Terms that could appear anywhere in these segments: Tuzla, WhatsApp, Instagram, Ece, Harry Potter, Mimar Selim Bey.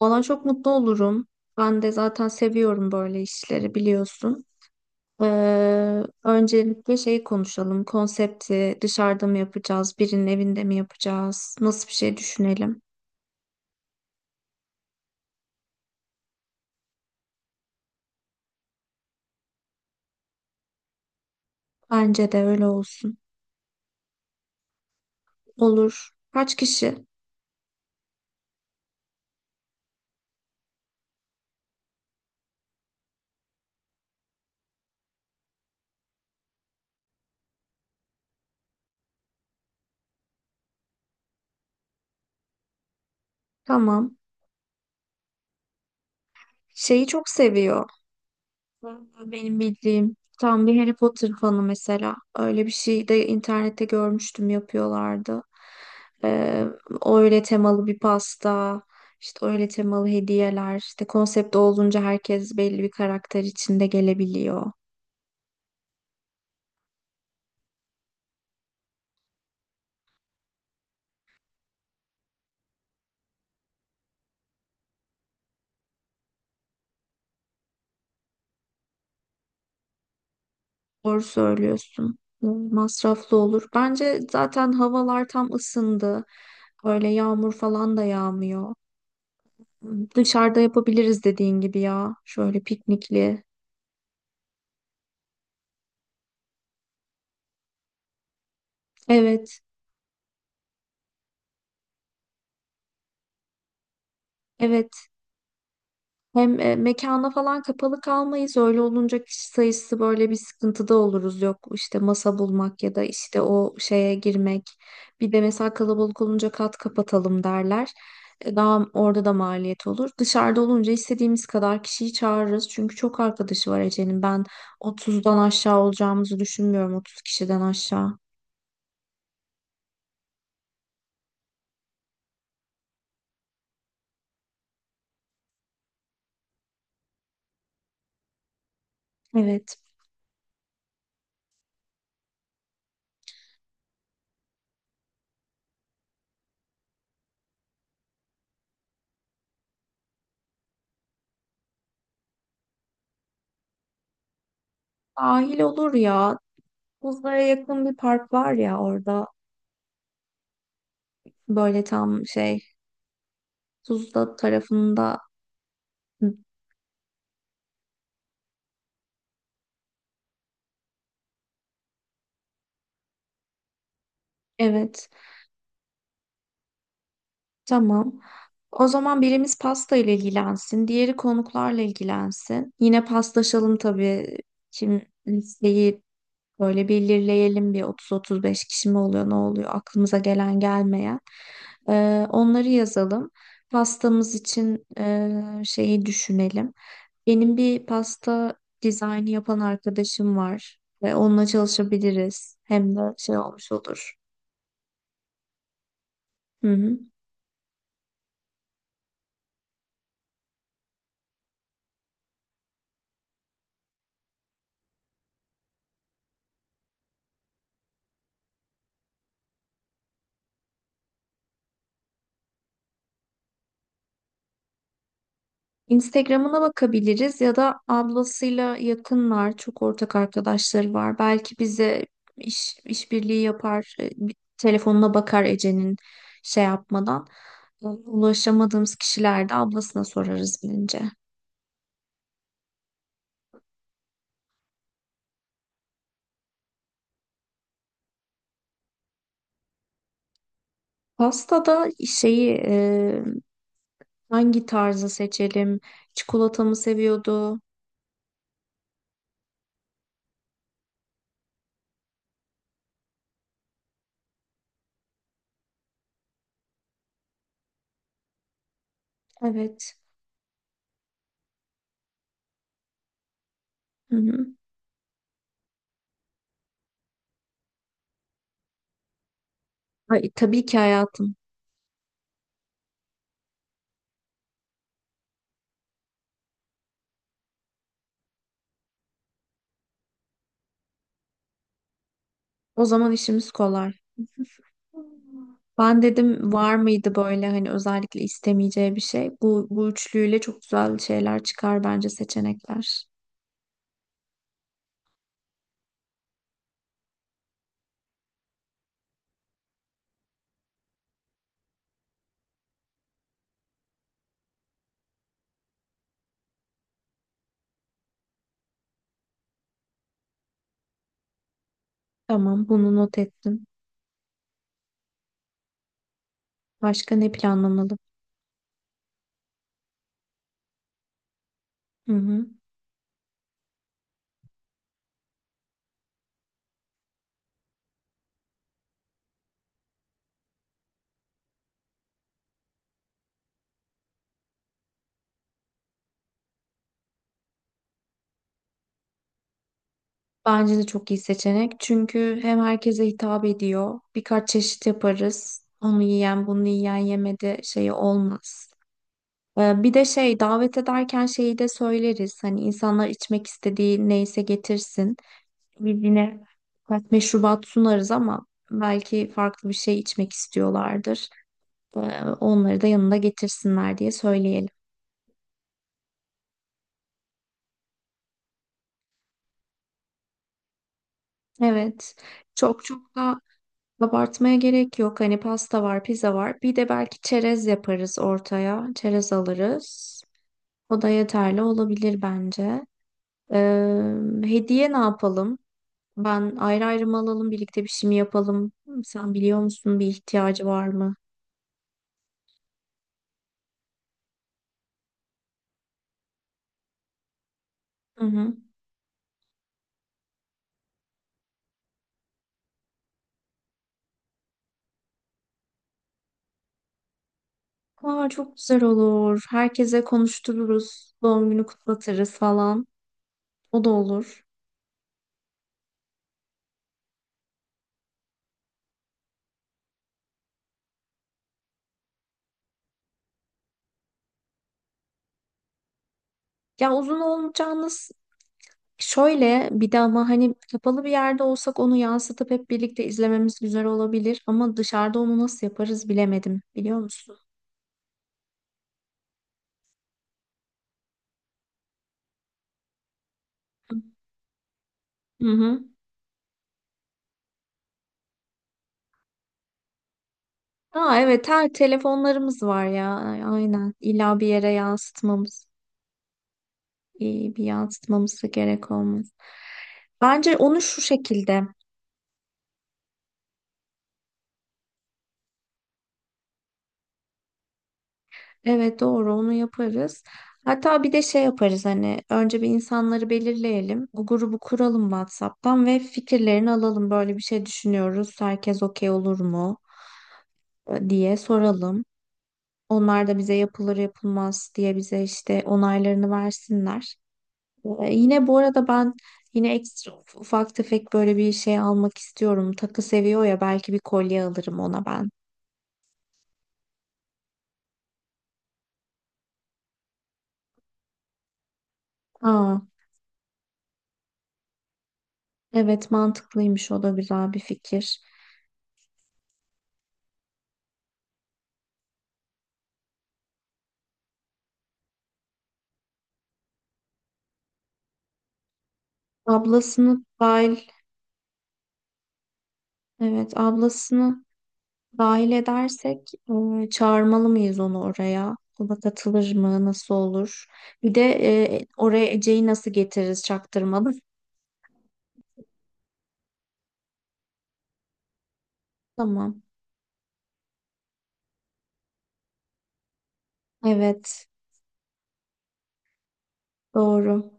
Ona çok mutlu olurum. Ben de zaten seviyorum böyle işleri biliyorsun. Öncelikle şeyi konuşalım. Konsepti dışarıda mı yapacağız, birinin evinde mi yapacağız? Nasıl bir şey düşünelim? Bence de öyle olsun. Olur. Kaç kişi? Tamam. Şeyi çok seviyor. Benim bildiğim tam bir Harry Potter fanı mesela. Öyle bir şey de internette görmüştüm yapıyorlardı. Ee, Öyle temalı bir pasta, işte öyle temalı hediyeler, işte konsept olunca herkes belli bir karakter içinde gelebiliyor. Doğru söylüyorsun. Masraflı olur. Bence zaten havalar tam ısındı. Böyle yağmur falan da yağmıyor. Dışarıda yapabiliriz dediğin gibi ya. Şöyle piknikli. Evet, evet. Hem mekana falan kapalı kalmayız. Öyle olunca kişi sayısı böyle bir sıkıntıda oluruz. Yok işte masa bulmak ya da işte o şeye girmek. Bir de mesela kalabalık olunca kat kapatalım derler. Daha orada da maliyet olur. Dışarıda olunca istediğimiz kadar kişiyi çağırırız. Çünkü çok arkadaşı var Ece'nin. Ben 30'dan aşağı olacağımızı düşünmüyorum. 30 kişiden aşağı. Evet. Sahil olur ya. Tuzla'ya yakın bir park var ya orada. Böyle tam şey Tuzla tarafında. Hı. Evet. Tamam. O zaman birimiz pasta ile ilgilensin, diğeri konuklarla ilgilensin. Yine paslaşalım tabii. Kim listeyi böyle belirleyelim, bir 30-35 kişi mi oluyor, ne oluyor aklımıza gelen gelmeyen. Onları yazalım. Pastamız için şeyi düşünelim. Benim bir pasta dizaynı yapan arkadaşım var ve onunla çalışabiliriz. Hem de şey olmuş olur. Hı hı. Instagram'ına bakabiliriz ya da ablasıyla yakınlar, çok ortak arkadaşları var. Belki bize işbirliği yapar, bir telefonuna bakar Ece'nin şey yapmadan. Ulaşamadığımız kişilerde ablasına sorarız bilince. Pastada şeyi hangi tarzı seçelim? Çikolata mı seviyordu? Evet. Hı hı. Ay, tabii ki hayatım. O zaman işimiz kolay. Ben dedim var mıydı böyle hani özellikle istemeyeceği bir şey. Bu üçlüyle çok güzel şeyler çıkar bence seçenekler. Tamam bunu not ettim. Başka ne planlamalı? Hı hı. Bence de çok iyi seçenek. Çünkü hem herkese hitap ediyor. Birkaç çeşit yaparız. Onu yiyen, bunu yiyen yemedi şeyi olmaz. Bir de şey davet ederken şeyi de söyleriz. Hani insanlar içmek istediği neyse getirsin. Birbirine birkaç meşrubat sunarız ama belki farklı bir şey içmek istiyorlardır. Ee, Onları da yanında getirsinler diye söyleyelim. Evet, çok çok da abartmaya gerek yok. Hani pasta var, pizza var. Bir de belki çerez yaparız ortaya. Çerez alırız. O da yeterli olabilir bence. Ee, Hediye ne yapalım? Ben ayrı ayrı mı alalım, birlikte bir şey mi yapalım? Sen biliyor musun bir ihtiyacı var mı? Hı hı. Aa, çok güzel olur. Herkese konuştururuz. Doğum günü kutlatırız falan. O da olur. Ya uzun olacağını s- Şöyle bir de ama hani kapalı bir yerde olsak onu yansıtıp hep birlikte izlememiz güzel olabilir. Ama dışarıda onu nasıl yaparız bilemedim. Biliyor musun? Hı hı. Aa, evet her telefonlarımız var ya. Aynen. İlla bir yere yansıtmamız, iyi bir yansıtmamız da gerek olmaz. Bence onu şu şekilde. Evet doğru onu yaparız. Hatta bir de şey yaparız, hani önce bir insanları belirleyelim. Bu grubu kuralım WhatsApp'tan ve fikirlerini alalım. Böyle bir şey düşünüyoruz. Herkes okey olur mu diye soralım. Onlar da bize yapılır yapılmaz diye bize işte onaylarını versinler. Yine bu arada ben yine ekstra ufak tefek böyle bir şey almak istiyorum. Takı seviyor ya belki bir kolye alırım ona ben. Aa, evet mantıklıymış o da güzel bir fikir. Ablasını dahil. Evet, ablasını dahil edersek çağırmalı mıyız onu oraya? O da katılır mı? Nasıl olur? Bir de oraya Ece'yi nasıl getiririz çaktırmalı? Tamam. Evet, doğru.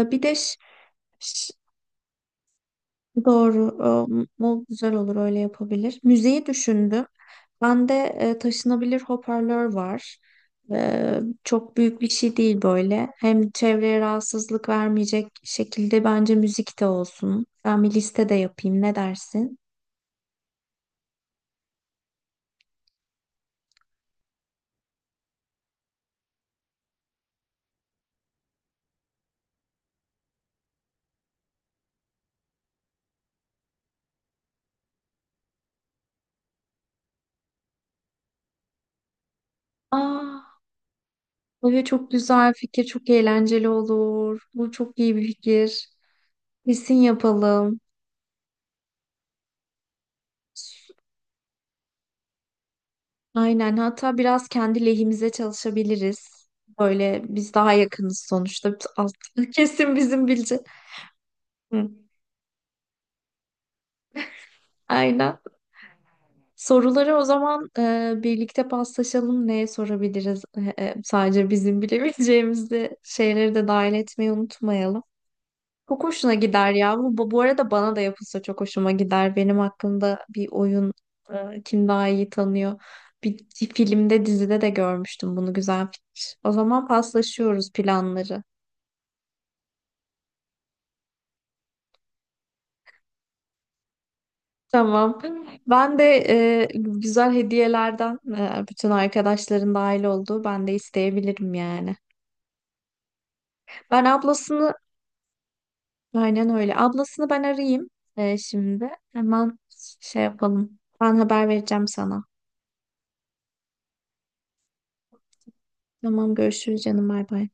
E, bir de ş- Doğru. O güzel olur öyle yapabilir. Müziği düşündüm. Bende taşınabilir hoparlör var. Çok büyük bir şey değil böyle. Hem çevreye rahatsızlık vermeyecek şekilde bence müzik de olsun. Ben bir liste de yapayım. Ne dersin? Aa, evet çok güzel fikir, çok eğlenceli olur. Bu çok iyi bir fikir. Kesin yapalım. Aynen. Hatta biraz kendi lehimize çalışabiliriz. Böyle biz daha yakınız sonuçta. Kesin bizim bilecek. Hı. Aynen. Soruları o zaman birlikte paslaşalım. Neye sorabiliriz? Sadece bizim bilebileceğimiz de şeyleri de dahil etmeyi unutmayalım. Çok hoşuna gider ya. Bu arada bana da yapılsa çok hoşuma gider. Benim hakkında bir oyun kim daha iyi tanıyor. Bir filmde, dizide de görmüştüm bunu. Güzel fikir. O zaman paslaşıyoruz planları. Tamam. Ben de güzel hediyelerden bütün arkadaşların dahil olduğu ben de isteyebilirim yani. Ben ablasını aynen öyle. Ablasını ben arayayım şimdi. Hemen şey yapalım. Ben haber vereceğim sana. Tamam görüşürüz canım bay bay.